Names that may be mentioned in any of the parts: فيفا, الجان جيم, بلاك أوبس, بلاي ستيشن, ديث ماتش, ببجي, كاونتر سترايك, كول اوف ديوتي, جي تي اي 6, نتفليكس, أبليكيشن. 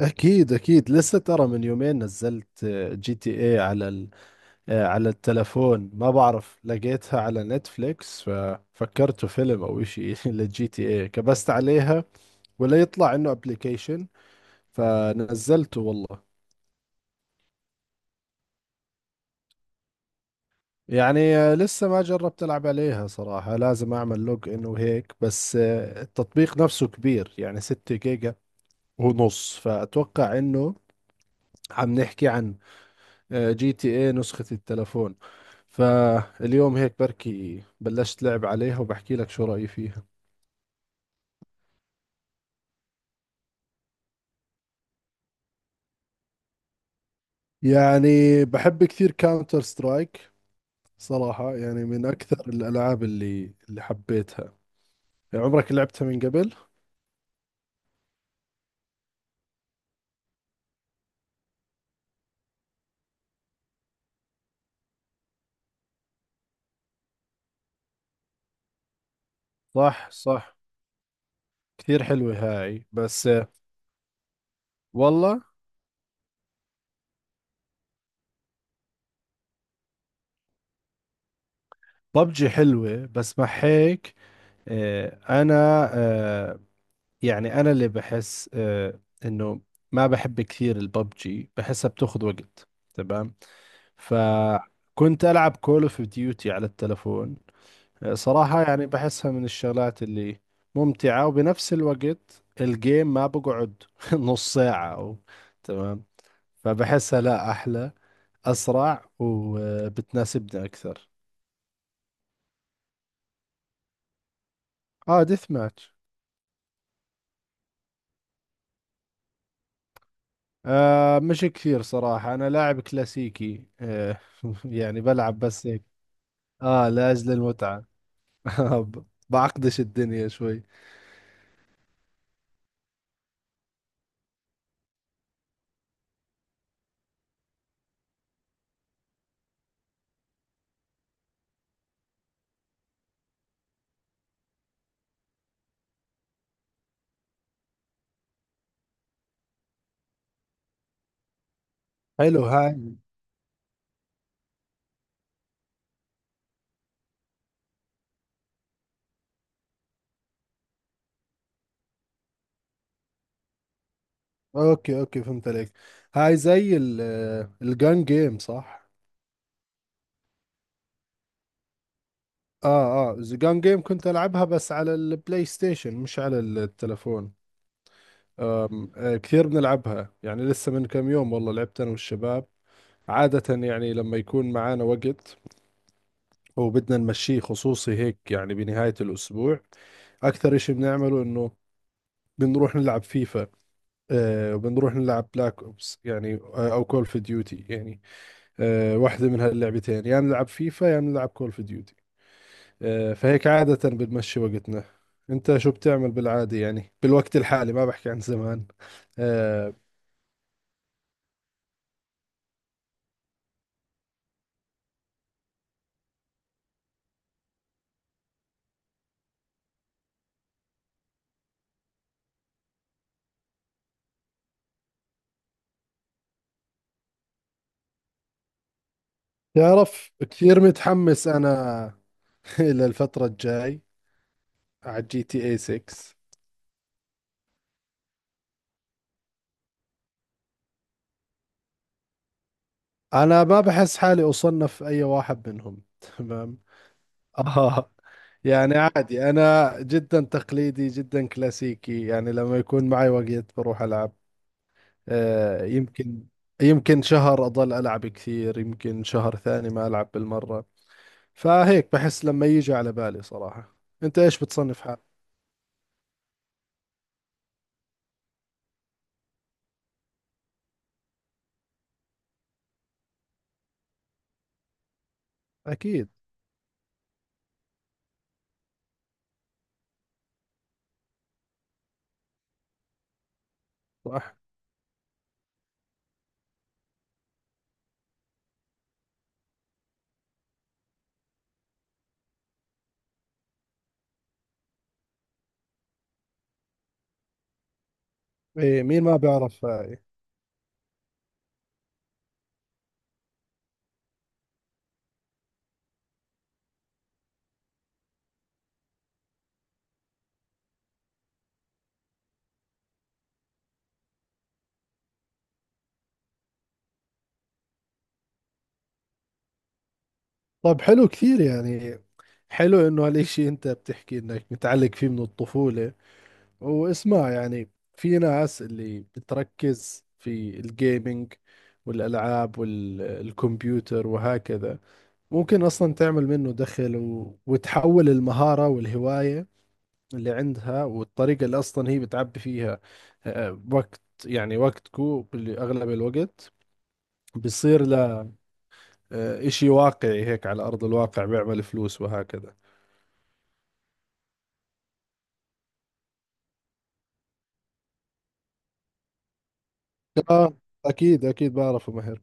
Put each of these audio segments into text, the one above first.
أكيد أكيد لسه ترى من يومين نزلت جي تي اي على على التلفون. ما بعرف لقيتها على نتفليكس ففكرته فيلم أو إشي للجي تي اي كبست عليها ولا يطلع إنه أبليكيشن فنزلته والله. يعني لسه ما جربت ألعب عليها صراحة، لازم أعمل لوج إن وهيك. بس التطبيق نفسه كبير يعني 6 جيجا ونص، فأتوقع إنه عم نحكي عن جي تي اي نسخة التلفون. فاليوم هيك بركي بلشت لعب عليها وبحكي لك شو رأيي فيها. يعني بحب كثير كاونتر سترايك صراحة، يعني من أكثر الألعاب اللي حبيتها. عمرك لعبتها من قبل؟ صح صح، كثير حلوة هاي. بس والله. ببجي حلوة بس مع هيك. آه، أنا آه، يعني أنا اللي بحس إنه ما بحب كثير الببجي، بحسها بتاخذ وقت. تمام. فكنت ألعب كول اوف ديوتي على التلفون. صراحة يعني بحسها من الشغلات اللي ممتعة، وبنفس الوقت الجيم ما بقعد نص ساعة أو. تمام. فبحسها لا، أحلى، أسرع وبتناسبني أكثر. اه، ديث ماتش. مش كثير صراحة، انا لاعب كلاسيكي يعني بلعب بس هيك. اه، لاجل المتعة. بعقدش الدنيا شوي. حلو هاي. اوكي اوكي، فهمت عليك. هاي زي الجان جيم، صح؟ اه اه، الجان جيم كنت العبها بس على البلاي ستيشن مش على التلفون. آم آه كثير بنلعبها يعني، لسه من كم يوم والله لعبت انا والشباب. عادة يعني لما يكون معانا وقت وبدنا نمشيه، خصوصي هيك يعني بنهاية الأسبوع، أكثر إشي بنعمله إنه بنروح نلعب فيفا وبنروح نلعب بلاك أوبس، يعني أو كول اوف ديوتي يعني. واحدة من هاللعبتين، يا يعني نلعب فيفا، يا يعني نلعب كول اوف ديوتي. فهيك عادة بنمشي وقتنا. أنت شو بتعمل بالعادة؟ يعني بالوقت الحالي، ما بحكي عن زمان. آه تعرف كثير متحمس أنا للفترة الجاي على جي تي اي 6. انا ما بحس حالي اصنف اي واحد منهم تمام. اه، يعني عادي انا جدا تقليدي، جدا كلاسيكي، يعني لما يكون معي وقت بروح العب. آه يمكن يمكن شهر اضل العب كثير، يمكن شهر ثاني ما العب بالمرة. فهيك بحس لما يجي على بالي صراحة. انت ايش بتصنف حالك؟ اكيد. صح. إيه، مين ما بيعرف هاي؟ طب حلو كثير يعني، حلو انه هالشيء انت بتحكي انك متعلق فيه من الطفولة. واسمع يعني، في ناس اللي بتركز في الجيمينج والألعاب والكمبيوتر وهكذا، ممكن أصلا تعمل منه دخل و... وتحول المهارة والهواية اللي عندها والطريقة اللي أصلا هي بتعبي فيها وقت، يعني وقتكو أغلب الوقت بيصير له إشي واقعي هيك على أرض الواقع، بيعمل فلوس وهكذا. آه أكيد أكيد بعرفه ماهر.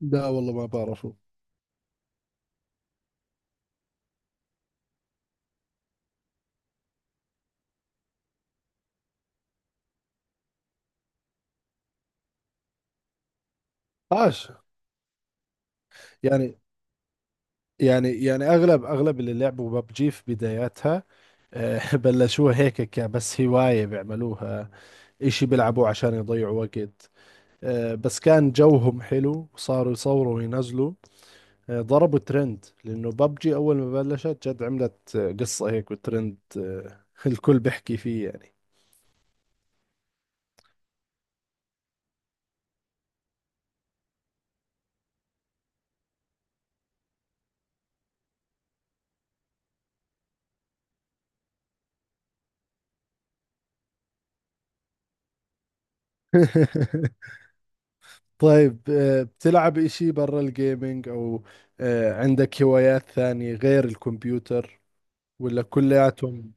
لا والله ما بعرفه. عاش. يعني يعني اغلب اللي لعبوا ببجي في بداياتها بلشوها هيك كبس هواية بيعملوها، اشي بيلعبوه عشان يضيعوا وقت. بس كان جوهم حلو وصاروا يصوروا وينزلوا. ضربوا ترند، لانه ببجي اول ما بلشت جد عملت قصة هيك وترند الكل بيحكي فيه يعني. طيب، بتلعب اشي برا الجيمينج او عندك هوايات ثانية غير الكمبيوتر، ولا كلياتهم؟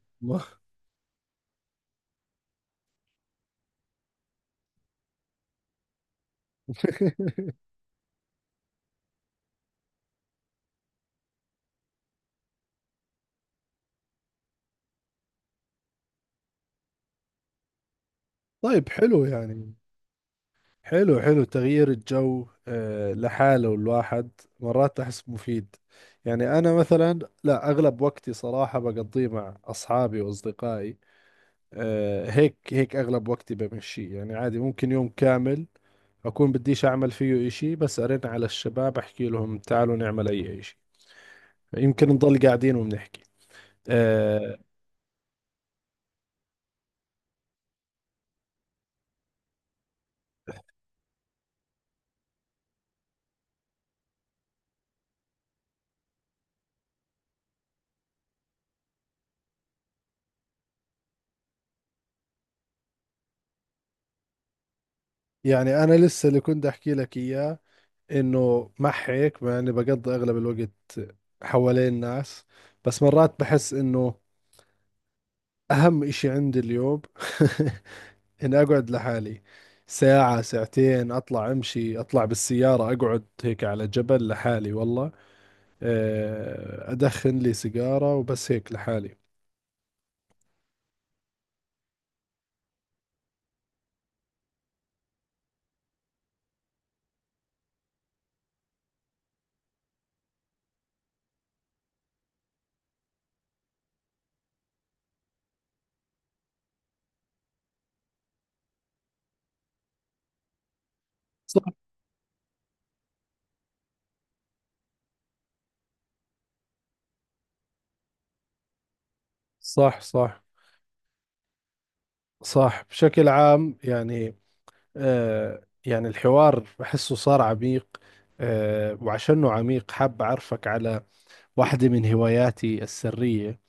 طيب حلو يعني. حلو، حلو تغيير الجو لحاله الواحد، مرات أحس مفيد. يعني أنا مثلا لا، أغلب وقتي صراحة بقضيه مع أصحابي وأصدقائي. هيك هيك أغلب وقتي بمشي، يعني عادي ممكن يوم كامل أكون بديش أعمل فيه إشي، بس أرن على الشباب أحكي لهم تعالوا نعمل أي إشي. يمكن نضل قاعدين وبنحكي. آه، يعني أنا لسه اللي كنت أحكي لك إياه، انه مع هيك مع اني بقضي اغلب الوقت حوالين الناس، بس مرات بحس انه اهم اشي عندي اليوم اني اقعد لحالي ساعة ساعتين، اطلع امشي، اطلع بالسيارة، اقعد هيك على جبل لحالي والله. ادخن لي سيجارة وبس هيك لحالي. صح. صح صح صح. بشكل عام يعني يعني الحوار بحسه صار عميق. وعشانه عميق حاب أعرفك على واحدة من هواياتي السرية.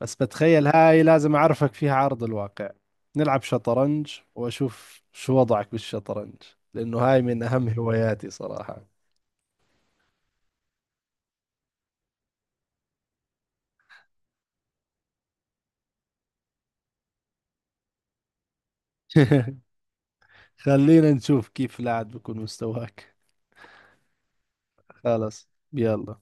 بس بتخيل هاي لازم أعرفك فيها عرض الواقع. نلعب شطرنج وأشوف شو وضعك بالشطرنج، لأنه هاي من أهم هواياتي صراحة. خلينا نشوف كيف لاعب بكون مستواك. خلص، يلا.